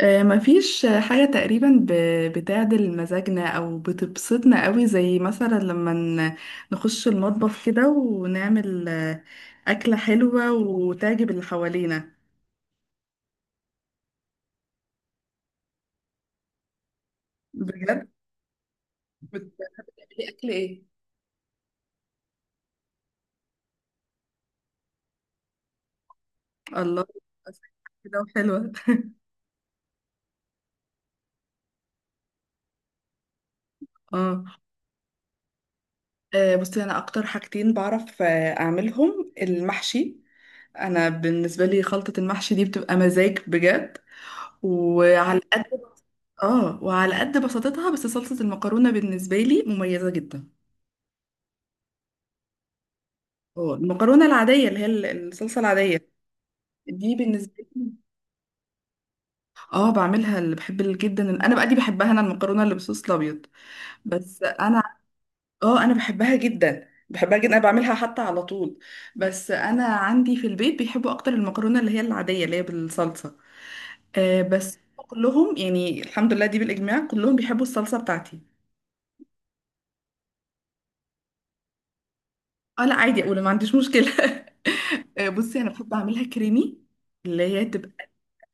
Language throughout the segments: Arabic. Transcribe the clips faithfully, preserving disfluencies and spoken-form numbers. آه، مفيش حاجة تقريبا ب- بتعدل مزاجنا أو بتبسطنا قوي زي مثلا لما ن- نخش المطبخ كده ونعمل آه، أكلة حلوة وتعجب اللي حوالينا بجد. بتعملي أكل إيه؟ الله، كده وحلوة. اه. آه، بصي أنا أكتر حاجتين بعرف آه، أعملهم المحشي. أنا بالنسبة لي خلطة المحشي دي بتبقى مزاج بجد، وعلى. اه وعلى قد بساطتها، بس صلصة المكرونة بالنسبة لي مميزة جدا. اه المكرونة العادية اللي هي ال- الصلصة العادية دي بالنسبة لي. اه بعملها، اللي بحب ال- جدا ال- انا بقى دي بحبها انا، المكرونة اللي بالصوص الابيض. بس انا. اه انا بحبها جدا، بحبها جدا، انا بعملها حتى على طول. بس انا عندي في البيت بيحبوا اكتر المكرونة اللي هي العادية اللي هي بالصلصة. آه بس كلهم يعني الحمد لله دي بالاجماع كلهم بيحبوا الصلصة بتاعتي. اه لا عادي اقول، ما عنديش مشكله. آه، بصي انا بحب اعملها كريمي، اللي هي تبقى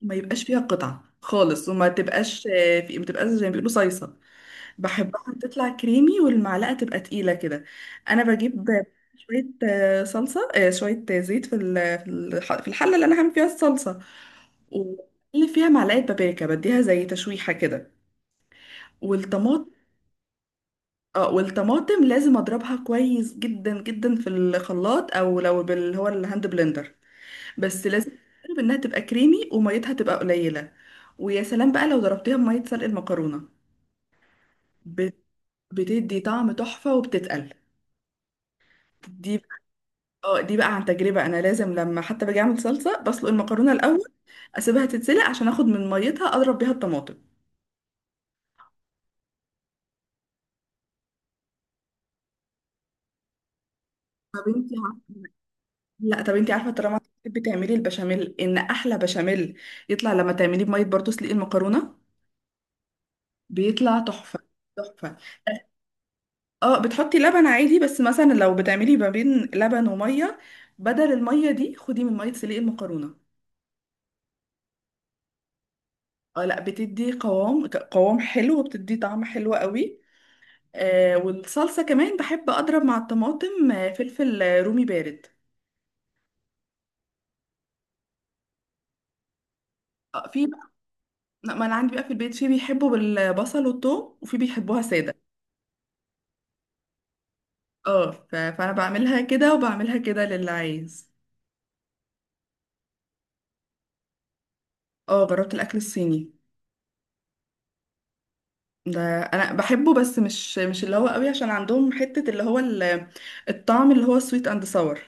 ما يبقاش فيها قطع خالص، وما تبقاش آه، في ما تبقاش زي ما بيقولوا صيصه. بحبها تطلع كريمي والمعلقه تبقى تقيله كده. انا بجيب شويه آه، صلصه، آه، شويه زيت في ال- في الح- في الحله اللي انا هعمل فيها الصلصه، واللي فيها معلقه بابريكا بديها زي تشويحه كده. والطماطم. اه والطماطم لازم اضربها كويس جدا جدا في الخلاط، او لو بال، هو الهاند بلندر. بس لازم تجرب انها تبقى كريمي وميتها تبقى قليله. ويا سلام بقى لو ضربتيها بميه سلق المكرونه. بت- بتدي طعم تحفه وبتتقل دي. اه دي بقى عن تجربه، انا لازم لما حتى باجي اعمل صلصه بسلق المكرونه الاول، اسيبها تتسلق عشان اخد من ميتها اضرب بيها الطماطم. طب انت عارفه، لا طب انت عارفه طالما بتحبي تعملي البشاميل، ان احلى بشاميل يطلع لما تعمليه بميه برضه سلق المكرونه، بيطلع تحفه تحفه. اه بتحطي لبن عادي، بس مثلا لو بتعملي ما بين لبن وميه، بدل الميه دي خدي من ميه سليق المكرونه. اه لا بتدي قوام، قوام حلو، وبتدي طعم حلو قوي. آه والصلصه كمان بحب اضرب مع الطماطم آه، فلفل آه، رومي بارد. اه في بقى. لا، ما انا عندي بقى في البيت في بيحبوا بالبصل والثوم وفي بيحبوها ساده. اه ف- فانا بعملها كده وبعملها كده للي عايز. اه جربت الاكل الصيني، ده انا بحبه، بس مش مش اللي هو قوي، عشان عندهم حتة اللي هو ال- الطعم اللي هو سويت اند ساور.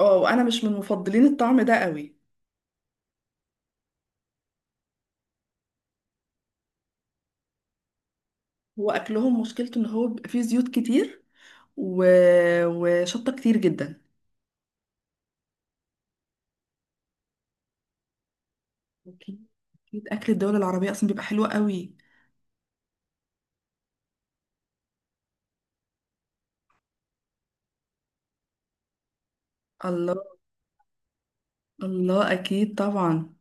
اه وانا مش من مفضلين الطعم ده قوي. هو اكلهم مشكلته ان هو بيبقى فيه زيوت كتير، و... وشطة كتير جدا. اكيد، أكيد اكل الدول العربية اصلا بيبقى حلو قوي. الله. الله اكيد طبعا.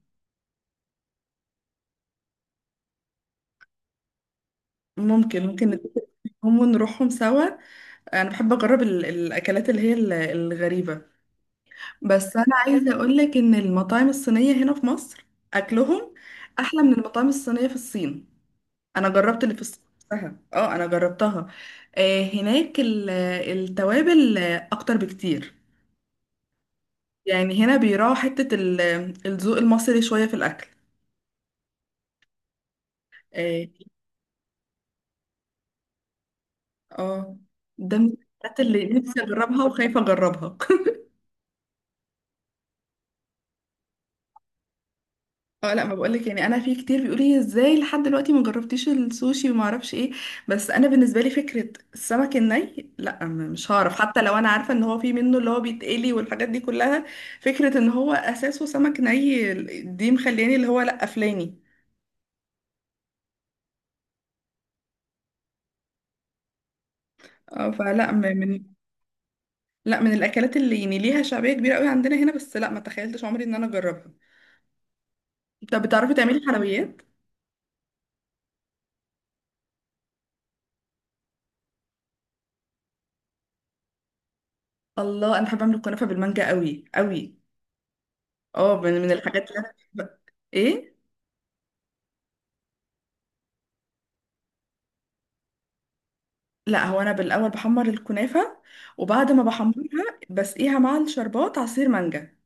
ممكن ممكن نتفق، هم ونروحهم سوا. انا بحب اجرب ال... الاكلات اللي هي ال- الغريبة. بس انا عايزه اقول لك ان المطاعم الصينيه هنا في مصر اكلهم احلى من المطاعم الصينيه في الصين. انا جربت اللي في الصين نفسها. اه انا جربتها. آه هناك ال- التوابل آه، اكتر بكتير. يعني هنا بيراعوا حته ال- الذوق المصري شويه في الاكل. اه. آه، ده من الحاجات اللي نفسي اجربها وخايفه اجربها. اه لا ما بقولك، يعني انا في كتير بيقولوا لي ازاي لحد دلوقتي ما جربتيش السوشي وما اعرفش ايه. بس انا بالنسبه لي فكره السمك الني، لا م- مش هعرف، حتى لو انا عارفه ان هو في منه اللي هو بيتقلي والحاجات دي كلها. فكره ان هو اساسه سمك ني دي مخلياني اللي هو لا قفلاني. اه فلا م- من لا من الاكلات اللي يعني ليها شعبيه كبيره قوي عندنا هنا، بس لا ما تخيلتش عمري ان انا اجربها. طب بتعرفي تعملي حلويات؟ الله انا بحب اعمل الكنافه بالمانجا قوي قوي. اه من من الحاجات اللي انا بحبها. ايه؟ لا هو انا بالاول بحمر الكنافه، وبعد ما بحمرها بسقيها مع الشربات عصير مانجا،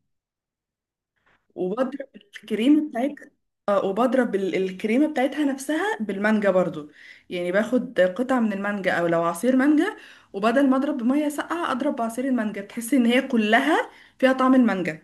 وبضرب الكريمه بتاعتها. اه وبضرب ال- الكريمه بتاعتها نفسها بالمانجا برضو. يعني باخد قطعه من المانجا او لو عصير مانجا، وبدل ما اضرب بميه ساقعه اضرب بعصير المانجا، بتحسي ان هي كلها فيها طعم المانجا.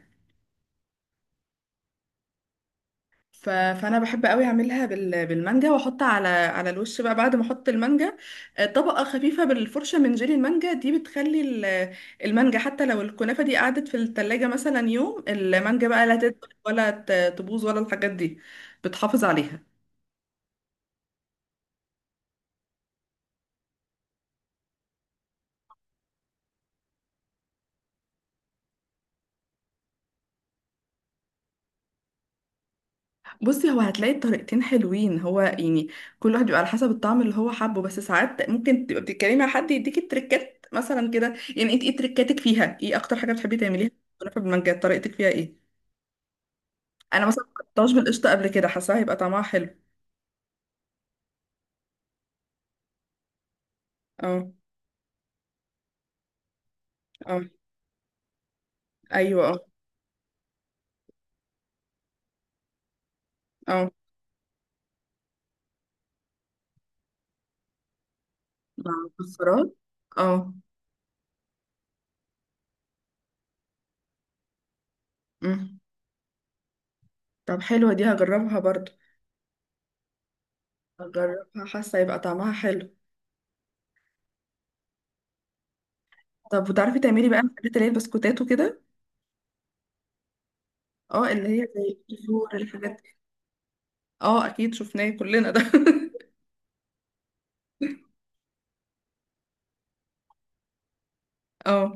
ف... فانا بحب قوي اعملها بال... بالمانجا، واحط على على الوش بقى بعد ما احط المانجا آه، طبقه خفيفه بالفرشه من جيلي المانجا، دي بتخلي ال- المانجا حتى لو الكنافه دي قعدت في التلاجة مثلا يوم، المانجا بقى لا تدبل ولا ت- تبوظ ولا الحاجات دي، بتحافظ عليها. بصي هو هتلاقي الطريقتين حلوين، هو يعني كل واحد بيبقى على حسب الطعم اللي هو حابه، بس ساعات ممكن تبقى بتتكلمي مع حد يديكي تريكات مثلا كده، يعني انت ايه تريكاتك فيها، ايه اكتر حاجه بتحبي تعمليها؟ كنافه بالمانجا طريقتك فيها ايه؟ انا مثلا ما جربتهاش بالقشطه قبل كده، حاساها هيبقى طعمها حلو. اه اه. ايوه اه. اه مع مكسرات. اه. أمم. طب حلوه دي، هجربها برضو. هجربها حاسه هيبقى طعمها حلو. طب وتعرفي تعملي بقى الحاجات اللي هي البسكوتات وكده؟ اه اللي هي زي الكيسور الحاجات دي. اه اكيد شفناه كلنا ده. اه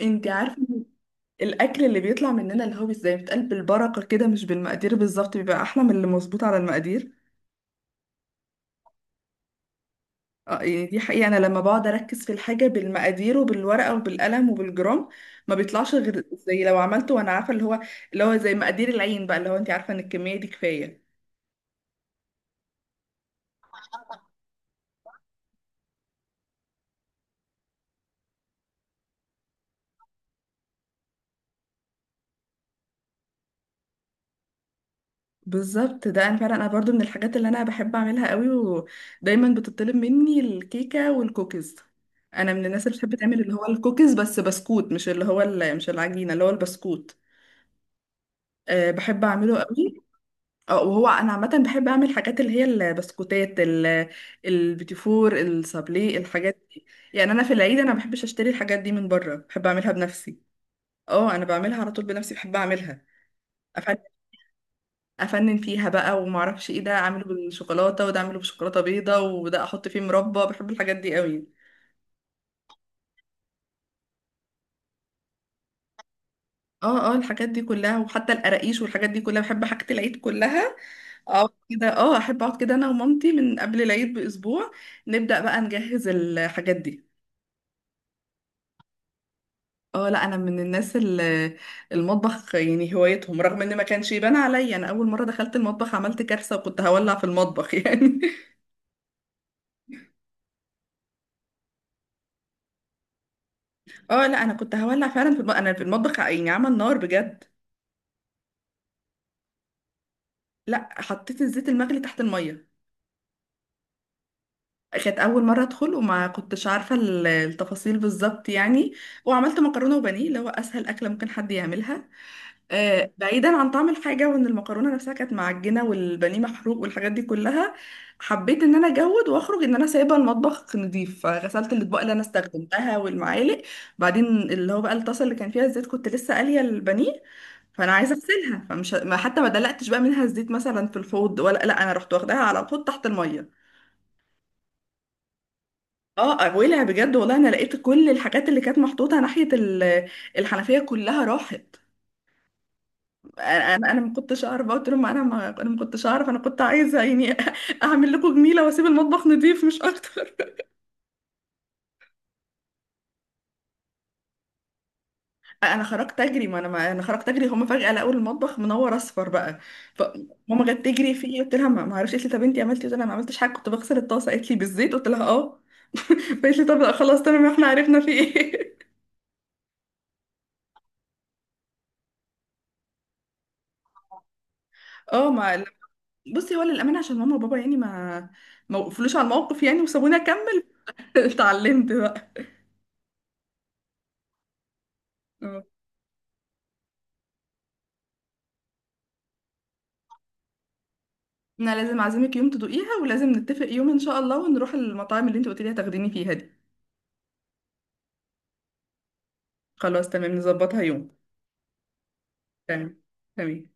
انتي عارفه الاكل اللي بيطلع مننا اللي هو زي بيتقال بالبركه كده مش بالمقادير بالظبط، بيبقى احلى من اللي مظبوط على المقادير. اه يعني دي حقيقة، أنا لما بقعد أركز في الحاجة بالمقادير وبالورقة وبالقلم وبالجرام، ما بيطلعش غير زي لو عملته وأنا عارفة اللي هو، اللي هو زي مقادير العين بقى اللي هو أنت عارفة إن الكمية دي كفاية. بالظبط، ده أنا فعلا أنا برضو من الحاجات اللي أنا بحب أعملها قوي، ودايما بتطلب مني الكيكة والكوكيز. أنا من الناس اللي بتحب تعمل اللي هو الكوكيز، بس بسكوت مش اللي هو ال- مش العجينة اللي هو البسكوت. أه بحب أعمله قوي. اه وهو انا عامه بحب اعمل حاجات اللي هي البسكوتات ال- البيتيفور السابلي الحاجات دي. يعني انا في العيد انا ما بحبش اشتري الحاجات دي من بره، بحب اعملها بنفسي. اه انا بعملها على طول بنفسي بحب اعملها. افنن، افنن فيها بقى وما اعرفش ايه، ده اعمله بالشوكولاته، وده اعمله بشوكولاته بيضه، وده احط فيه مربى. بحب الحاجات دي قوي. اه اه الحاجات دي كلها، وحتى القراقيش والحاجات دي كلها، بحب حاجه العيد كلها. اقعد كده، اه احب اقعد كده انا ومامتي من قبل العيد باسبوع، نبدا بقى نجهز الحاجات دي. اه لا انا من الناس اللي المطبخ يعني هوايتهم، رغم ان ما كانش يبان عليا، انا اول مره دخلت المطبخ عملت كارثه، وكنت هولع في المطبخ يعني. اه لا انا كنت هولع فعلا في المطبخ، انا في المطبخ يعني عمل نار بجد. لا حطيت الزيت المغلي تحت الميه. كانت اول مره ادخل وما كنتش عارفه ال- التفاصيل بالظبط يعني، وعملت مكرونه وبانيه اللي هو اسهل اكله ممكن حد يعملها. آه، بعيدا عن طعم الحاجة وان المكرونة نفسها كانت معجنة والبانيه محروق والحاجات دي كلها، حبيت ان انا اجود واخرج ان انا سايبة المطبخ نظيف، فغسلت الاطباق اللي انا استخدمتها والمعالق. بعدين اللي هو بقى الطاسة اللي كان فيها الزيت، كنت لسه قالية البانيه، فانا عايزة اغسلها، فمش ما- حتى ما دلقتش بقى منها الزيت مثلا في الحوض ولا لا، انا رحت واخداها على طول تحت المية. اه آه، ولع بجد والله، انا لقيت كل الحاجات اللي كانت محطوطة ناحية ال- الحنفية كلها راحت. انا انا ما كنتش اعرف، قلت لهم انا ما انا ما كنتش اعرف، انا كنت عايزه يعني اعمل لكم جميله واسيب المطبخ نضيف مش اكتر. انا خرجت اجري، ما انا ما انا خرجت اجري، هم فجاه لقوا المطبخ منور اصفر بقى. فماما جت تجري فيه، قلت لها ما ما اعرفش، قالت لي طب انت عملتي إيه؟ قلت لها ما عملتش حاجه كنت بغسل الطاسه، قالت لي بالزيت؟ قلت لها اه. قالت لي طب لا خلاص تمام احنا عرفنا في ايه. اه ما بصي هو للامانه عشان ماما وبابا يعني ما، ما وقفلوش على الموقف يعني وسابوني اكمل. اتعلمت بقى. آه. انا لازم اعزمك يوم تدوقيها، ولازم نتفق يوم ان شاء الله ونروح المطاعم اللي انت قلت لي هتاخديني فيها دي. خلاص تمام نظبطها يوم. تمام. تمام.